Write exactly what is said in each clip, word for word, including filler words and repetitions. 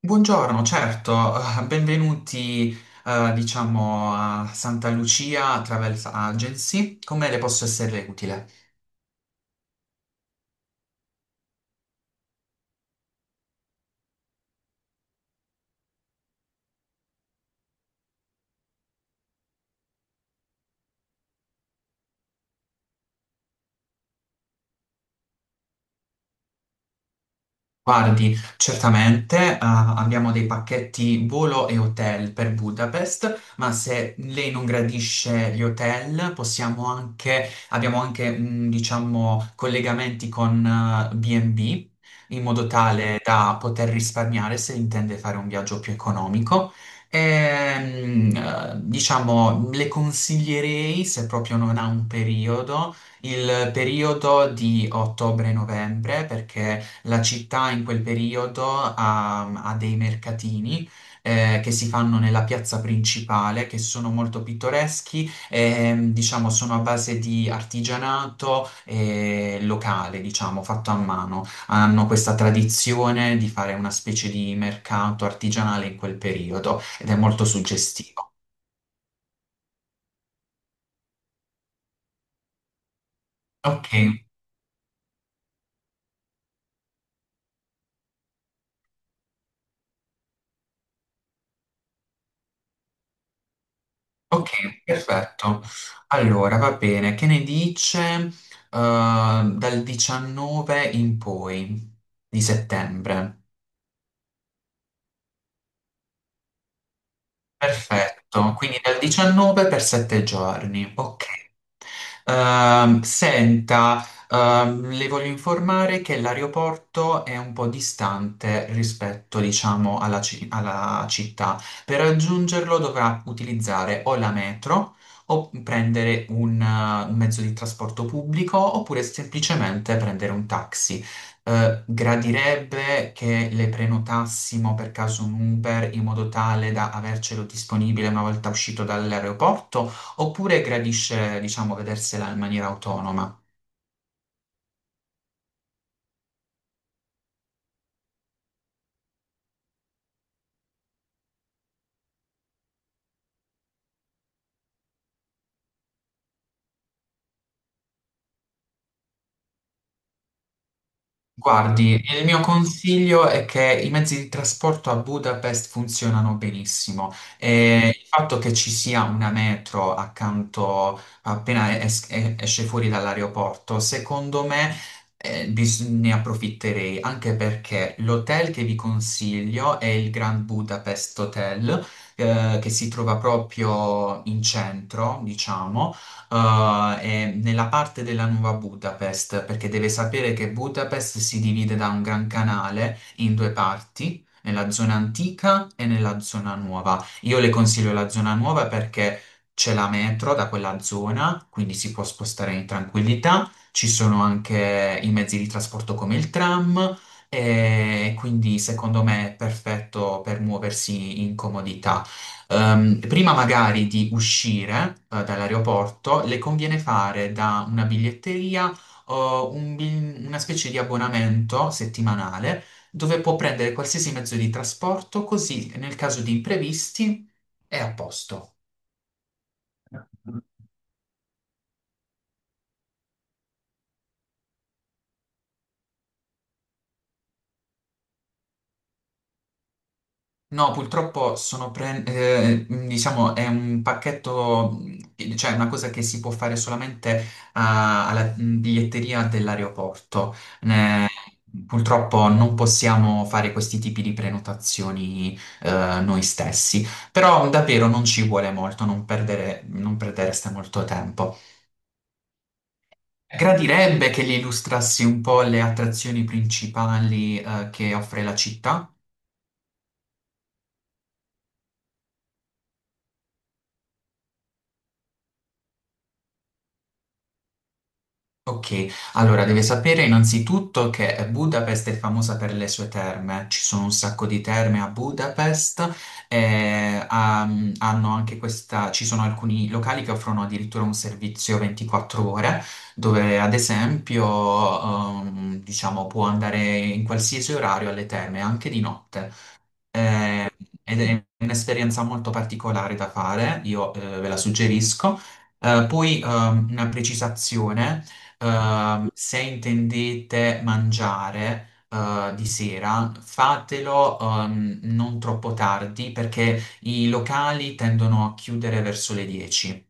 Buongiorno, certo, eh, benvenuti, eh, diciamo, a Santa Lucia Travel Agency. Come le posso essere utile? Guardi, certamente, eh, abbiamo dei pacchetti volo e hotel per Budapest, ma se lei non gradisce gli hotel, possiamo anche, abbiamo anche, mm, diciamo, collegamenti con eh, B and B, in modo tale da poter risparmiare se intende fare un viaggio più economico. E, mm, eh, diciamo, le consiglierei, se proprio non ha un periodo, il periodo di ottobre-novembre, perché la città in quel periodo ha, ha dei mercatini eh, che si fanno nella piazza principale, che sono molto pittoreschi, e, diciamo sono a base di artigianato eh, locale, diciamo, fatto a mano. Hanno questa tradizione di fare una specie di mercato artigianale in quel periodo ed è molto suggestivo. Ok, ok, perfetto. Allora, va bene, che ne dice eh, dal diciannove in poi di settembre? Perfetto, quindi dal diciannove per sette giorni, ok. Ehm, senta, ehm, le voglio informare che l'aeroporto è un po' distante rispetto, diciamo, alla, ci- alla città. Per raggiungerlo dovrà utilizzare o la metro o prendere un eh, un mezzo di trasporto pubblico oppure semplicemente prendere un taxi eh, gradirebbe che le prenotassimo per caso un Uber in modo tale da avercelo disponibile una volta uscito dall'aeroporto, oppure gradisce, diciamo, vedersela in maniera autonoma? Guardi, il mio consiglio è che i mezzi di trasporto a Budapest funzionano benissimo e il fatto che ci sia una metro accanto appena es- e- esce fuori dall'aeroporto, secondo me eh, bis- ne approfitterei, anche perché l'hotel che vi consiglio è il Grand Budapest Hotel, eh, che si trova proprio in centro, diciamo eh, è nella parte della nuova Budapest, perché deve sapere che Budapest si divide da un gran canale in due parti, nella zona antica e nella zona nuova. Io le consiglio la zona nuova perché c'è la metro da quella zona, quindi si può spostare in tranquillità, ci sono anche i mezzi di trasporto come il tram. E quindi secondo me è perfetto per muoversi in comodità. Ehm, prima magari di uscire, eh, dall'aeroporto, le conviene fare da una biglietteria o un bil- una specie di abbonamento settimanale dove può prendere qualsiasi mezzo di trasporto, così nel caso di imprevisti è a posto. No, purtroppo sono pre- eh, diciamo, è un pacchetto, mh, cioè una cosa che si può fare solamente ah, alla mh, biglietteria dell'aeroporto. Ne- purtroppo non possiamo fare questi tipi di prenotazioni eh, noi stessi, però davvero non ci vuole molto, non perdere, non perdereste molto tempo. Gradirebbe che gli illustrassi un po' le attrazioni principali eh, che offre la città. Ok, allora deve sapere innanzitutto che Budapest è famosa per le sue terme, ci sono un sacco di terme a Budapest, e, um, hanno anche questa, ci sono alcuni locali che offrono addirittura un servizio ventiquattro ore, dove ad esempio, um, diciamo, può andare in qualsiasi orario alle terme, anche di notte. Eh, ed è un'esperienza molto particolare da fare, io eh, ve la suggerisco. Eh, poi ehm, una precisazione, ehm, se intendete mangiare eh, di sera, fatelo ehm, non troppo tardi perché i locali tendono a chiudere verso le dieci.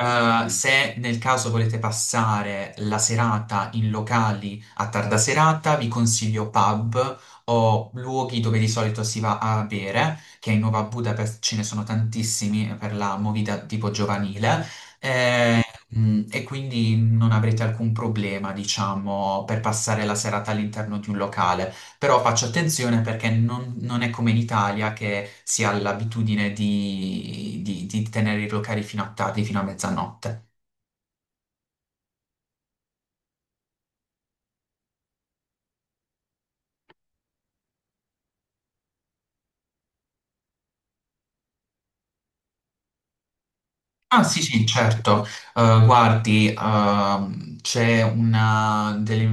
Eh, se nel caso volete passare la serata in locali a tarda serata, vi consiglio pub o luoghi dove di solito si va a bere, che in Nuova Budapest ce ne sono tantissimi per la movida tipo giovanile. Eh, Mm, e quindi non avrete alcun problema, diciamo, per passare la serata all'interno di un locale. Però faccio attenzione perché non, non è come in Italia che si ha l'abitudine di, di- di tenere i locali fino a tardi, fino a mezzanotte. Ah, sì, sì, certo. Eh, guardi ehm, c'è una delle,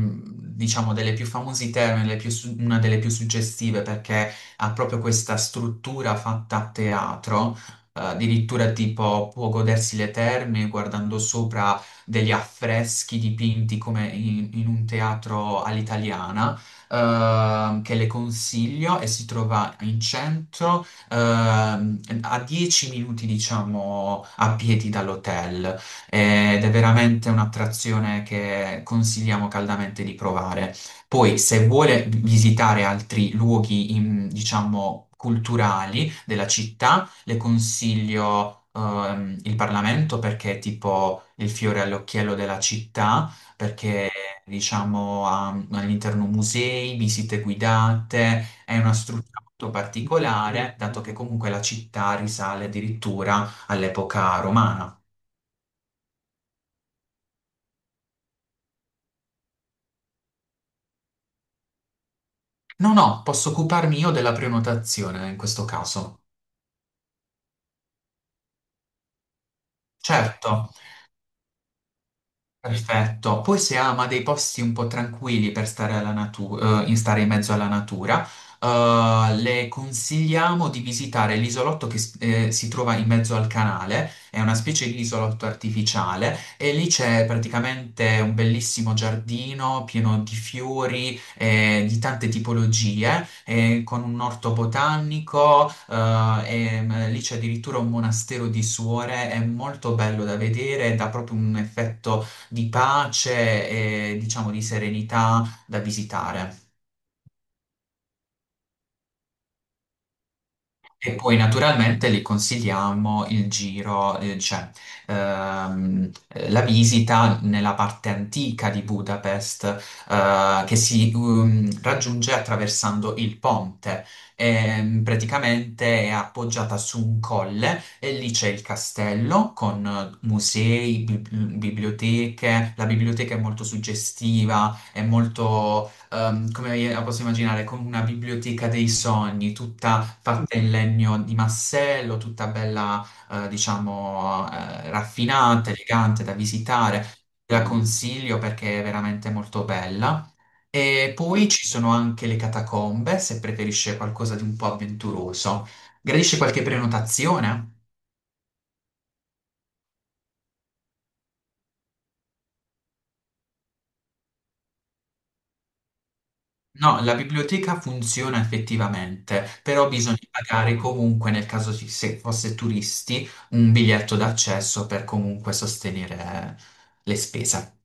diciamo, delle più famose terme, le più su- una delle più suggestive perché ha proprio questa struttura fatta a teatro, eh, addirittura tipo può godersi le terme guardando sopra degli affreschi dipinti come in, in un teatro all'italiana, ehm, che le consiglio e si trova in centro ehm, a dieci minuti, diciamo, a piedi dall'hotel ed è veramente un'attrazione che consigliamo caldamente di provare. Poi, se vuole visitare altri luoghi, in- diciamo, culturali della città, le consiglio ehm, il Parlamento perché è tipo il fiore all'occhiello della città, perché diciamo ha all'interno musei, visite guidate, è una struttura molto particolare, dato che comunque la città risale addirittura all'epoca romana. No, no, posso occuparmi io della prenotazione in questo caso. Certo, perfetto. Poi se ama dei posti un po' tranquilli per stare, alla natu- eh, in stare in mezzo alla natura, eh, le consigliamo di visitare l'isolotto che s- eh, si trova in mezzo al canale, è una specie di isolotto artificiale e lì c'è praticamente un bellissimo giardino pieno di fiori, eh, di tante tipologie, eh, con un orto botanico, eh, e, mm, lì c'è addirittura un monastero di suore, è molto bello da vedere, dà proprio un effetto di pace e diciamo di serenità da visitare. E poi naturalmente li consigliamo il giro, eh, cioè ehm, eh, la visita nella parte antica di Budapest, eh, che si um, raggiunge attraversando il ponte. Ehm, praticamente è appoggiata su un colle e lì c'è il castello con eh, musei, bib- biblioteche. La biblioteca è molto suggestiva, è molto ehm, come la posso immaginare, con una biblioteca dei sogni, tutta fatta in legno di massello, tutta bella, eh, diciamo, eh, raffinata, elegante da visitare. Te la consiglio perché è veramente molto bella. E poi ci sono anche le catacombe, se preferisce qualcosa di un po' avventuroso. Gradisce qualche prenotazione? No, la biblioteca funziona effettivamente, però bisogna pagare comunque, nel caso ci- se fosse turisti, un biglietto d'accesso per comunque sostenere le spese.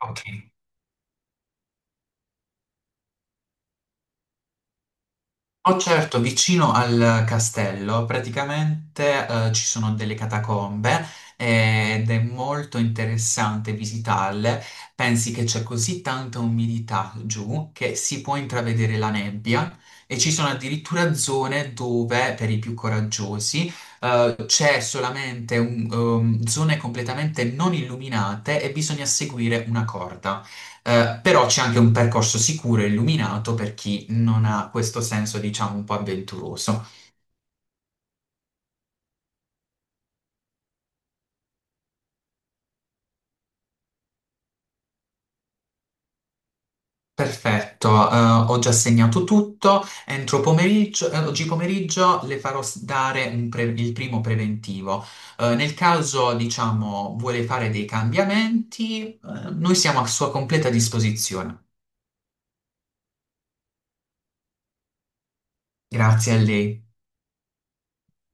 Ok. Oh, certo, vicino al castello praticamente eh, ci sono delle catacombe eh, ed è molto interessante visitarle. Pensi che c'è così tanta umidità giù che si può intravedere la nebbia e ci sono addirittura zone dove, per i più coraggiosi, eh, c'è solamente un- um, zone completamente non illuminate e bisogna seguire una corda. Eh, però c'è anche un percorso sicuro e illuminato per chi non ha questo senso, diciamo, un po' avventuroso. Perfetto, eh, ho già segnato tutto. Entro pomeriggio, eh, oggi pomeriggio le farò s- dare un pre- il primo preventivo. Eh, nel caso, diciamo, vuole fare dei cambiamenti, eh, noi siamo a sua completa disposizione. Grazie a lei.